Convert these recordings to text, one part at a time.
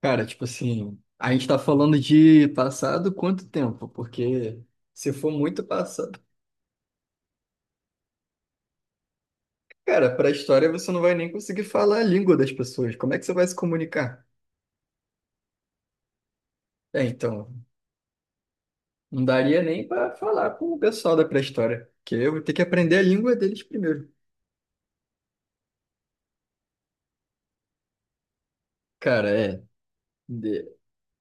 Cara, tipo assim, a gente tá falando de passado quanto tempo? Porque se for muito passado, cara, pra história você não vai nem conseguir falar a língua das pessoas. Como é que você vai se comunicar? É, então, não daria nem pra falar com o pessoal da pré-história, porque eu vou ter que aprender a língua deles primeiro. Cara, é, de-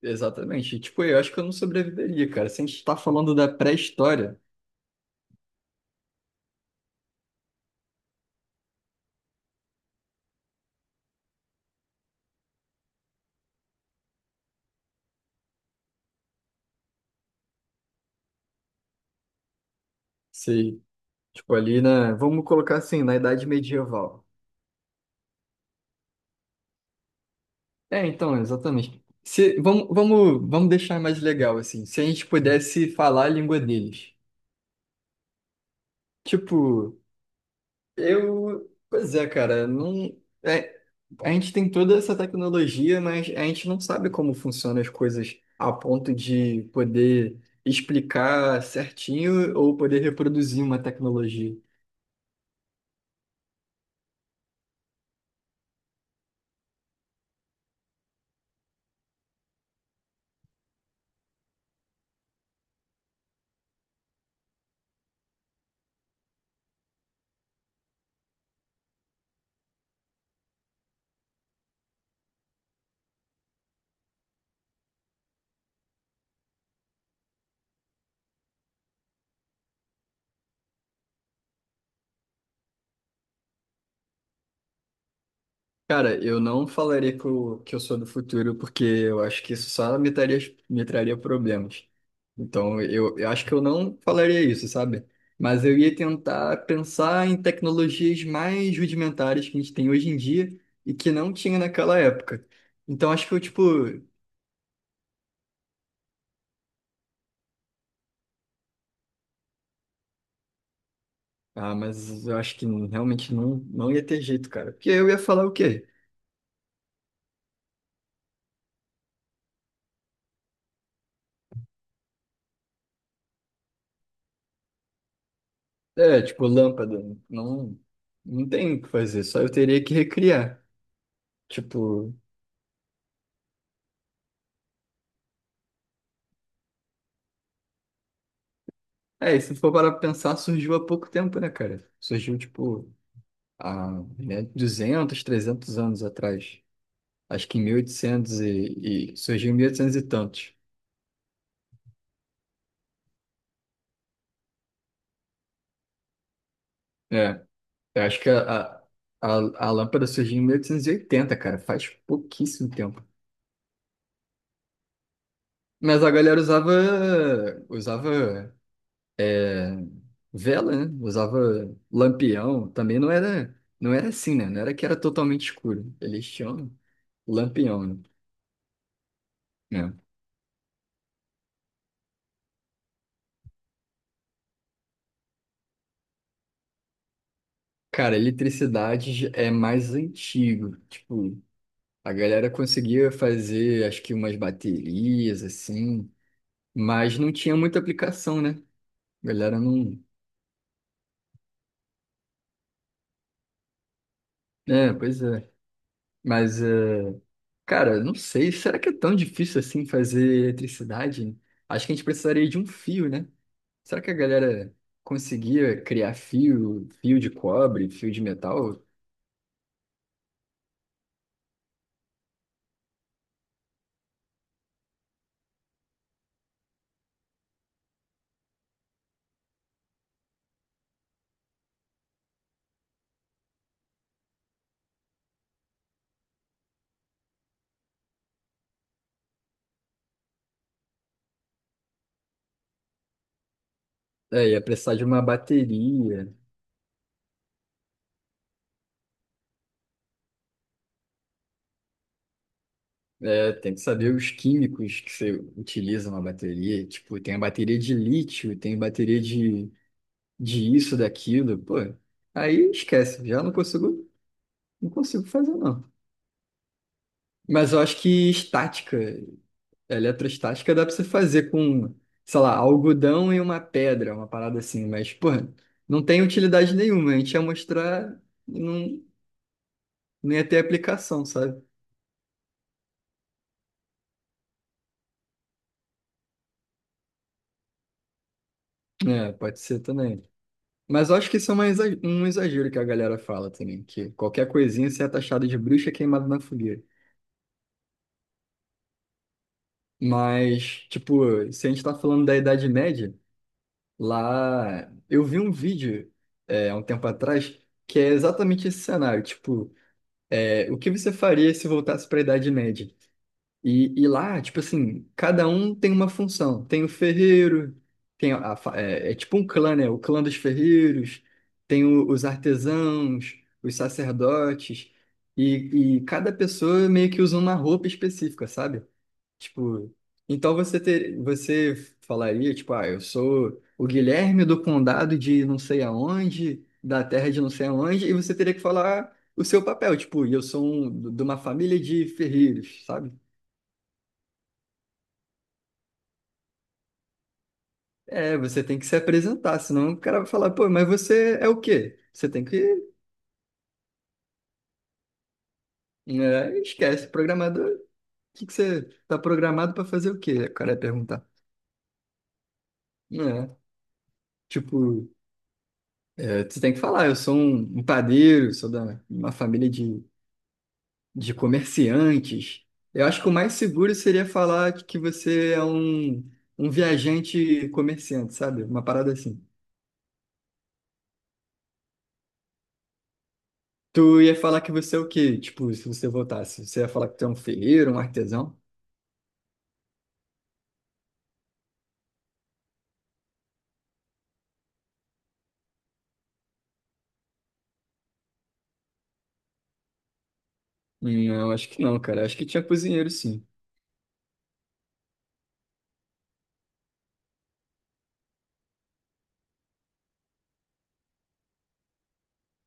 exatamente. Tipo, eu acho que eu não sobreviveria, cara. Se a gente tá falando da pré-história, se, tipo, ali na, vamos colocar assim, na Idade Medieval. É, então, exatamente. Se, vamos deixar mais legal, assim. Se a gente pudesse falar a língua deles. Tipo, eu. Pois é, cara, não. é, a gente tem toda essa tecnologia, mas a gente não sabe como funcionam as coisas a ponto de poder explicar certinho ou poder reproduzir uma tecnologia. Cara, eu não falaria que eu sou do futuro, porque eu acho que isso só me traria problemas. Então, eu acho que eu não falaria isso, sabe? Mas eu ia tentar pensar em tecnologias mais rudimentares que a gente tem hoje em dia e que não tinha naquela época. Então, acho que eu, tipo, ah, mas eu acho que realmente não ia ter jeito, cara. Porque eu ia falar o quê? É, tipo, lâmpada. Não, não tem o que fazer, só eu teria que recriar. Tipo. É, e se for para pensar, surgiu há pouco tempo, né, cara? Surgiu, tipo, há, né, 200, 300 anos atrás. Acho que em mil e, oitocentos e surgiu em 1800 e oitocentos e tantos. É, eu acho que a lâmpada surgiu em 1880, cara, faz pouquíssimo tempo. Mas a galera usava é, vela, né? Usava lampião. Também não era assim, né? Não era que era totalmente escuro. Eles tinham lampião, né? É. Cara, eletricidade é mais antigo. Tipo, a galera conseguia fazer, acho que umas baterias, assim, mas não tinha muita aplicação, né? A galera não. É, pois é. Mas, cara, não sei, será que é tão difícil assim fazer eletricidade? Acho que a gente precisaria de um fio, né? Será que a galera conseguia criar fio, fio de cobre, fio de metal? É, ia precisar de uma bateria. É, tem que saber os químicos que você utiliza na bateria. Tipo, tem a bateria de lítio, tem bateria de, isso, daquilo. Pô, aí esquece, já não consigo fazer, não. Mas eu acho que estática, eletrostática, dá pra você fazer com, sei lá, algodão e uma pedra, uma parada assim. Mas, pô, não tem utilidade nenhuma. A gente ia mostrar e não ia ter aplicação, sabe? É, pode ser também. Mas eu acho que isso é um exagero que a galera fala também, que qualquer coisinha você é taxado de bruxa queimada na fogueira. Mas, tipo, se a gente tá falando da Idade Média, lá eu vi um vídeo há um tempo atrás que é exatamente esse cenário. Tipo, o que você faria se voltasse para a Idade Média? E lá, tipo assim, cada um tem uma função. Tem o ferreiro, tem a, fa- é, é tipo um clã, né? O clã dos ferreiros, tem os artesãos, os sacerdotes, e cada pessoa meio que usa uma roupa específica, sabe? Tipo, então você falaria, tipo, ah, eu sou o Guilherme do condado de não sei aonde, da terra de não sei aonde, e você teria que falar o seu papel, tipo, e eu sou um, de uma família de ferreiros, sabe? É, você tem que se apresentar, senão o cara vai falar, pô, mas você é o quê? Você tem que. É, esquece, programador, o que que você tá programado para fazer o quê? O cara ia perguntar. É, tipo, você tem que falar, eu sou um padeiro, sou da uma família de, comerciantes. Eu acho que o mais seguro seria falar que você é um viajante comerciante, sabe? Uma parada assim. Tu ia falar que você é o quê? Tipo, se você voltasse, você ia falar que tu é um ferreiro, um artesão? Não, acho que não, cara. Acho que tinha cozinheiro, sim.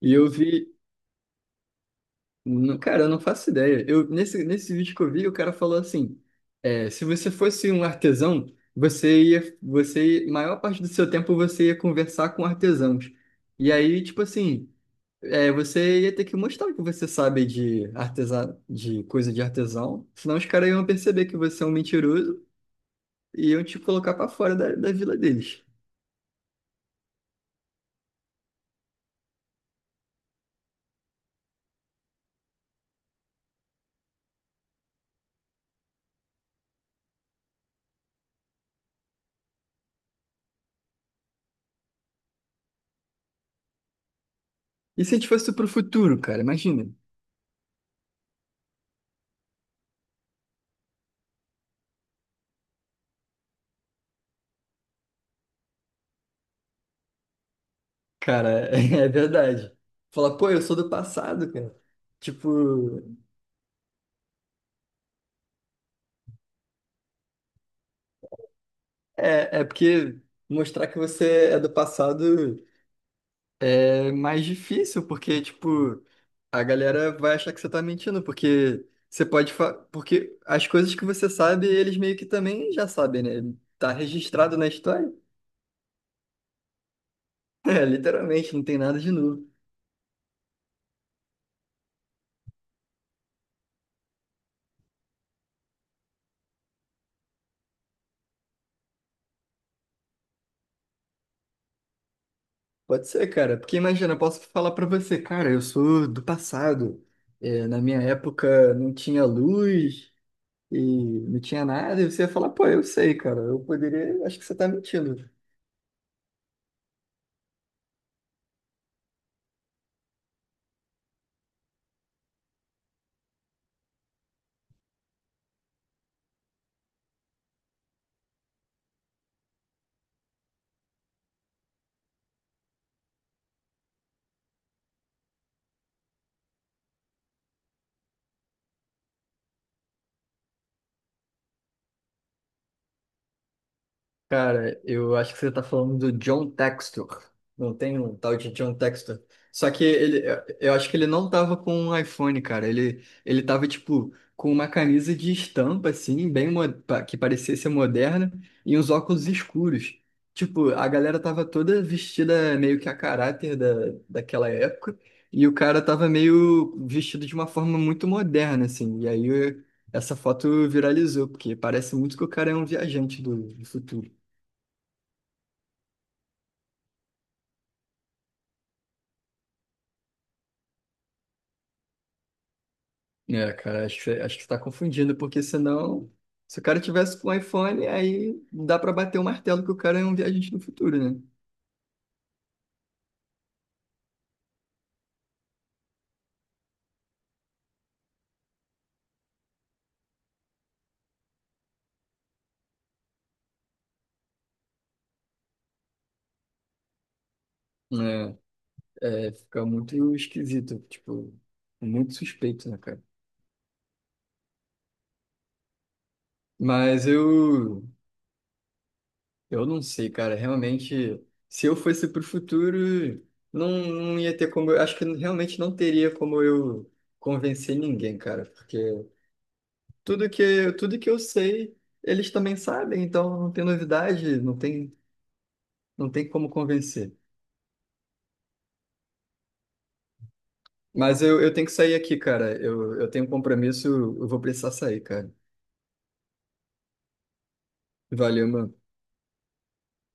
E eu vi. Cara, eu não faço ideia. Eu, nesse vídeo que eu vi, o cara falou assim: se você fosse um artesão, você ia. Maior parte do seu tempo você ia conversar com artesãos. E aí, tipo assim, você ia ter que mostrar que você sabe de artesã, de coisa de artesão. Senão os caras iam perceber que você é um mentiroso e iam te colocar pra fora da, vila deles. E se a gente fosse pro futuro, cara? Imagina. Cara, é verdade. Falar, pô, eu sou do passado, cara. Tipo, porque mostrar que você é do passado é mais difícil, porque, tipo, a galera vai achar que você tá mentindo, porque as coisas que você sabe, eles meio que também já sabem, né? Tá registrado na história. É, literalmente, não tem nada de novo. Pode ser, cara, porque imagina, eu posso falar pra você, cara, eu sou do passado. É, na minha época não tinha luz. E não tinha nada, e você ia falar, pô, eu sei, cara, eu poderia, acho que você tá mentindo. Cara, eu acho que você tá falando do John Textor. Não tem um tal de John Textor. Só que ele, eu acho que ele não tava com um iPhone, cara. Ele tava, tipo, com uma camisa de estampa, assim, bem, que parecia ser moderna, e uns óculos escuros. Tipo, a galera tava toda vestida meio que a caráter da, daquela época, e o cara tava meio vestido de uma forma muito moderna, assim. E aí essa foto viralizou, porque parece muito que o cara é um viajante do futuro. É, cara, acho que você tá confundindo, porque senão, se o cara tivesse com um iPhone, aí dá pra bater o martelo que o cara é um viajante do futuro, né? É, fica muito esquisito, tipo, muito suspeito, né, cara? Mas eu não sei, cara, realmente, se eu fosse pro futuro, não ia ter como, eu, acho que realmente não teria como eu convencer ninguém, cara, porque tudo que eu sei, eles também sabem, então não tem novidade, não tem como convencer. Mas eu tenho que sair aqui, cara. Eu tenho um compromisso, eu vou precisar sair, cara. Valeu, mano.